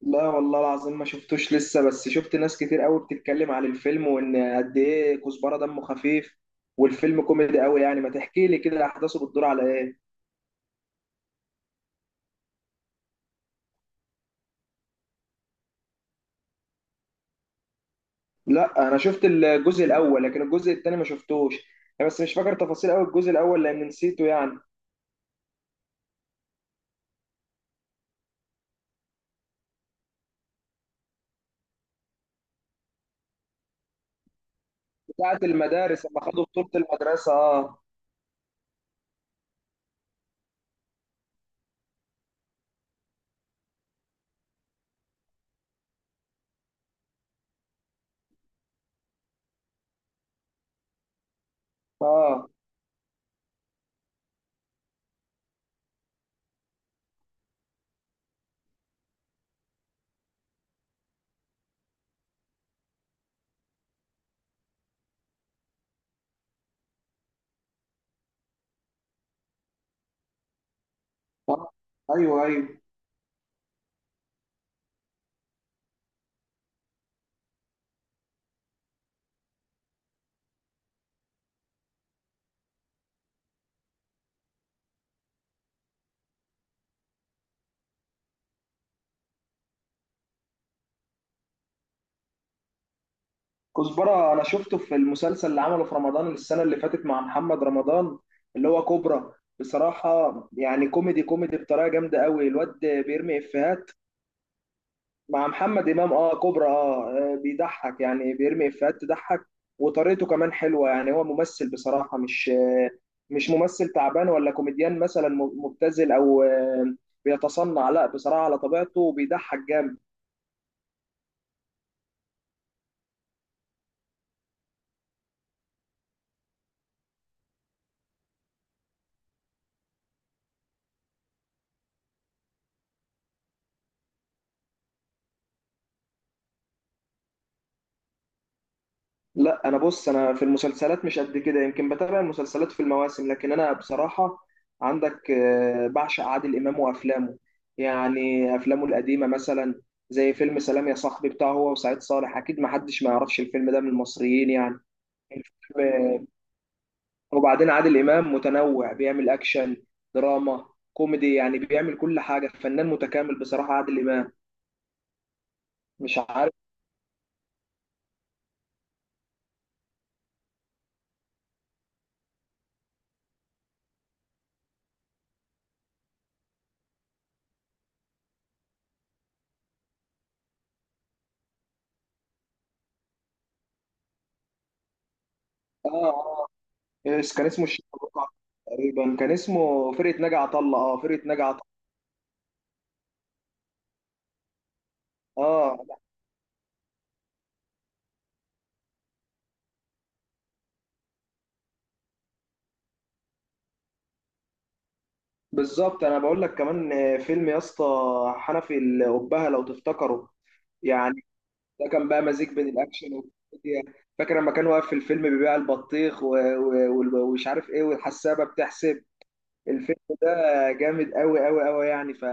لا والله العظيم ما شفتوش لسه، بس شفت ناس كتير قوي بتتكلم عن الفيلم وان قد ايه كزبره دمه خفيف. والفيلم كوميدي قوي، يعني ما تحكي لي كده احداثه بتدور على ايه. لا انا شفت الجزء الاول لكن الجزء الثاني ما شفتوش، يعني بس مش فاكر تفاصيل قوي الجزء الاول لان نسيته يعني. بتاعه المدارس لما خدوا بطولة المدرسة، اه. اه، آه. ايوه، ايوه. كزبرة أنا شفته في المسلسل اللي عمله في رمضان السنة اللي فاتت مع محمد رمضان، اللي هو كوبرا. بصراحة يعني كوميدي كوميدي بطريقة جامدة قوي، الواد بيرمي إفيهات. مع محمد إمام أه، كوبرا أه. بيضحك يعني بيرمي إفيهات تضحك. وطريقته كمان حلوة، يعني هو ممثل بصراحة، مش مش ممثل تعبان ولا كوميديان مثلا مبتذل أو بيتصنع، لا بصراحة على طبيعته بيضحك جامد. لا انا بص، انا في المسلسلات مش قد كده، يمكن بتابع المسلسلات في المواسم، لكن انا بصراحه عندك بعشق عادل امام وافلامه. يعني افلامه القديمه مثلا زي فيلم سلام يا صاحبي بتاعه هو وسعيد صالح، اكيد ما حدش ما يعرفش الفيلم ده من المصريين يعني. الفيلم- آه، وبعدين عادل امام متنوع، بيعمل اكشن، دراما، كوميدي، يعني بيعمل كل حاجه، فنان متكامل بصراحه عادل امام. مش عارف. اه، إيش كان اسمه؟ الشيخ أبو قعب تقريبا. كان اسمه فرقه ناجي عطا الله، اه، فرقه ناجي عطا الله اه. بالظبط، انا بقول لك كمان فيلم يا اسطى حنفي الأبهة لو تفتكره. يعني ده كان بقى مزيج بين الاكشن والكوميديا. فاكر لما كان واقف في الفيلم بيبيع البطيخ ومش عارف ايه، والحسابه بتحسب. الفيلم ده جامد قوي قوي قوي يعني. ف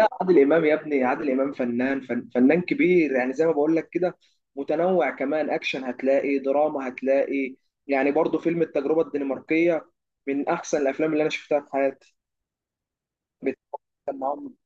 عادل امام يا ابني، عادل امام فنان، فنان كبير، يعني زي ما بقول لك كده متنوع، كمان اكشن هتلاقي، دراما هتلاقي، يعني برضو فيلم التجربه الدنماركيه من احسن الافلام اللي انا شفتها في حياتي. بيتكلم معاهم.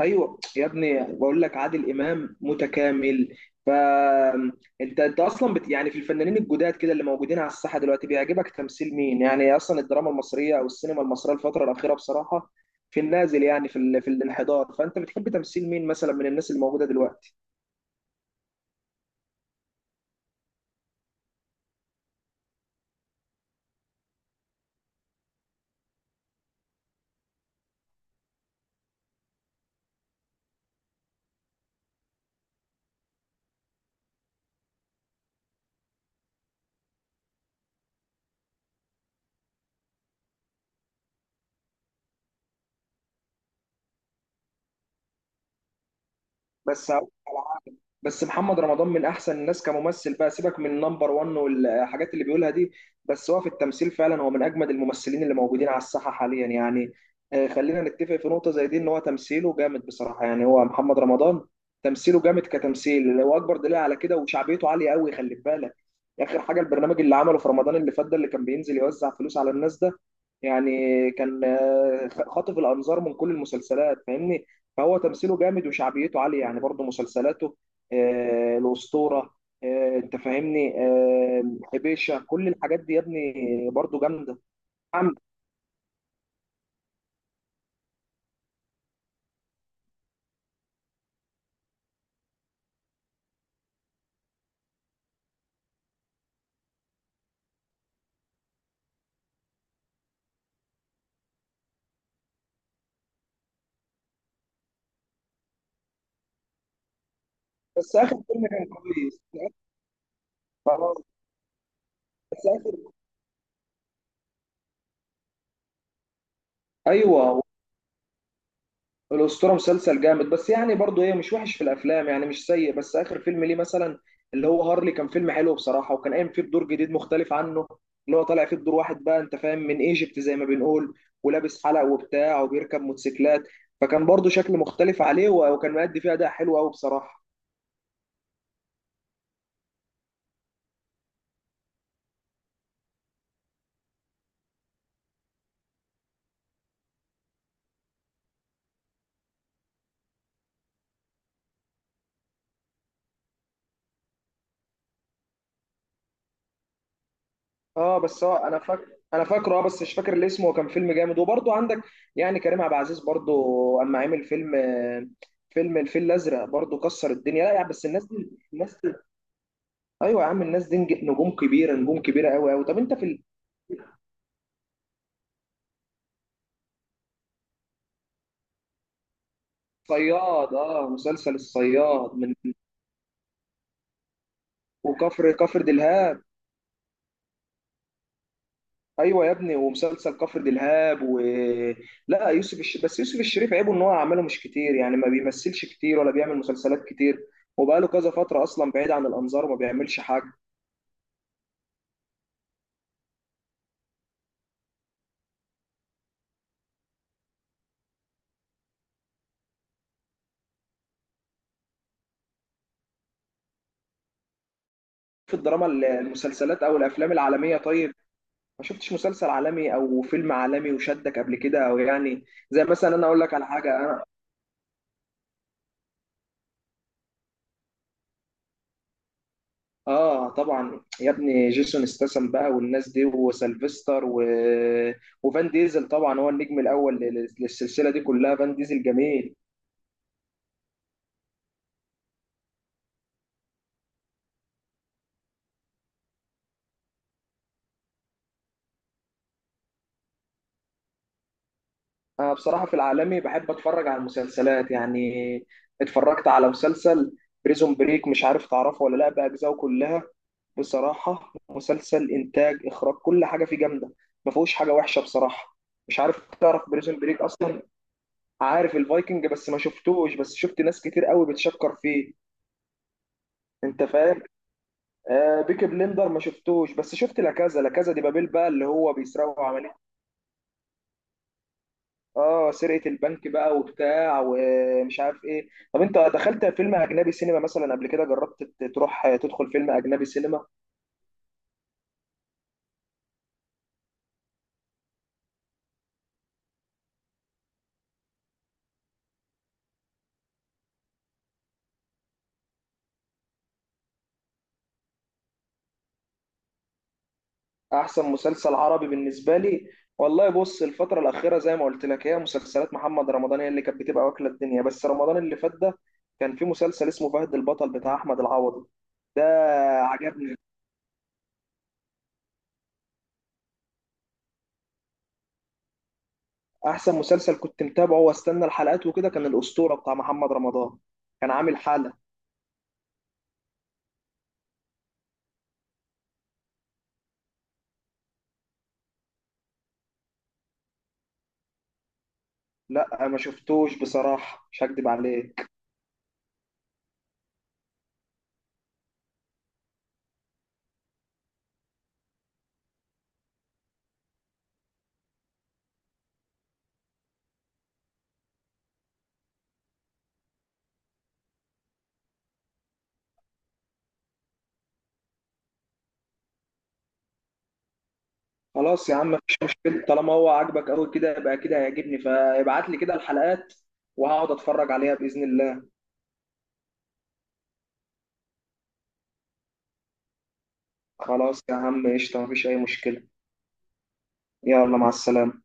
ايوه يا ابني، بقول لك عادل امام متكامل. فانت انت انت اصلا يعني في الفنانين الجداد كده اللي موجودين على الساحه دلوقتي، بيعجبك تمثيل مين؟ يعني اصلا الدراما المصريه او السينما المصريه الفتره الاخيره بصراحه في النازل، يعني في في الانحدار، فانت بتحب تمثيل مين مثلا من الناس اللي موجوده دلوقتي؟ بس هقول على حاجة. بس محمد رمضان من احسن الناس كممثل بقى، سيبك من نمبر 1 والحاجات اللي بيقولها دي، بس هو في التمثيل فعلا هو من اجمد الممثلين اللي موجودين على الساحه حاليا يعني. خلينا نتفق في نقطه زي دي، ان هو تمثيله جامد بصراحه، يعني هو محمد رمضان تمثيله جامد كتمثيل، هو اكبر دليل على كده. وشعبيته عاليه قوي، خلي بالك. اخر حاجه البرنامج اللي عمله في رمضان اللي فات ده اللي كان بينزل يوزع فلوس على الناس ده، يعني كان خاطف الانظار من كل المسلسلات، فاهمني؟ فهو تمثيله جامد وشعبيته عالية يعني. برضه مسلسلاته الأسطورة أنت فاهمني. حبيشة، كل الحاجات دي يا ابني برضه جامدة. نعم. بس آخر فيلم كان كويس. خلاص. بس آخر أيوه. الأسطورة مسلسل جامد، بس يعني برضه ايه، مش وحش في الأفلام يعني، مش سيء. بس آخر فيلم ليه مثلا، اللي هو هارلي، كان فيلم حلو بصراحة، وكان قايم فيه بدور جديد مختلف عنه، اللي هو طالع فيه بدور واحد بقى أنت فاهم من ايجيبت زي ما بنقول، ولابس حلق وبتاع، وبيركب موتوسيكلات. فكان برضه شكل مختلف عليه، وكان مأدي فيه أداء حلو أوي بصراحة. اه بس هو انا فاكر، انا فاكره اه، بس مش فاكر اللي اسمه. وكان فيلم جامد، وبرضه عندك يعني كريم عبد العزيز برضه اما عمل فيلم، فيلم الفيل الازرق برضه كسر الدنيا، لا يعني بس الناس دي الناس. ايوه يا عم، الناس دي نجوم كبيره، نجوم كبيره قوي قوي. طب انت في الصياد؟ اه مسلسل الصياد من. وكفر دلهاب. ايوه يا ابني، ومسلسل كفر دلهاب و. لا بس يوسف الشريف عيبه ان هو اعماله مش كتير، يعني ما بيمثلش كتير ولا بيعمل مسلسلات كتير، وبقاله كذا فتره اصلا بعيد عن الانظار وما بيعملش حاجه. في الدراما المسلسلات او الافلام العالميه طيب، ما شفتش مسلسل عالمي او فيلم عالمي وشدك قبل كده، او يعني زي مثلا انا اقول لك على حاجه. اه طبعا يا ابني، جيسون استسم بقى والناس دي، وسلفستر و... وفان ديزل طبعا هو النجم الاول للسلسله دي كلها. فان ديزل جميل. انا بصراحه في العالمي بحب اتفرج على المسلسلات يعني. اتفرجت على مسلسل بريزون بريك، مش عارف تعرفه ولا لا، باجزائه كلها. بصراحه مسلسل انتاج، اخراج، كل حاجه فيه جامده، ما فيهوش حاجه وحشه بصراحه. مش عارف تعرف بريزون بريك اصلا. عارف الفايكنج بس ما شفتوش، بس شفت ناس كتير قوي بتشكر فيه. انت فاهم. آه بيكي بلندر ما شفتوش، بس شفت لا كذا، لا كذا دي، بابيل بقى اللي هو بيسرقوا عمليه. اه سرقه البنك بقى وبتاع ومش عارف ايه. طب انت دخلت فيلم اجنبي سينما مثلا قبل كده؟ جربت تروح، تدخل فيلم اجنبي سينما؟ احسن مسلسل عربي بالنسبه لي، والله بص، الفتره الاخيره زي ما قلت لك هي مسلسلات محمد رمضان هي اللي كانت بتبقى واكله الدنيا. بس رمضان اللي فات ده كان في مسلسل اسمه فهد البطل بتاع احمد العوضي، ده عجبني. احسن مسلسل كنت متابعه واستنى الحلقات وكده كان الاسطوره بتاع محمد رمضان، كان عامل حاله. لا ما شفتوش بصراحه، مش هكدب عليك. خلاص يا عم، مفيش مشكله، طالما هو عاجبك قوي كده يبقى كده هيعجبني. فابعت لي كده الحلقات وهقعد اتفرج عليها باذن الله. خلاص يا عم، قشطه، مفيش اي مشكله. يلا مع السلامه.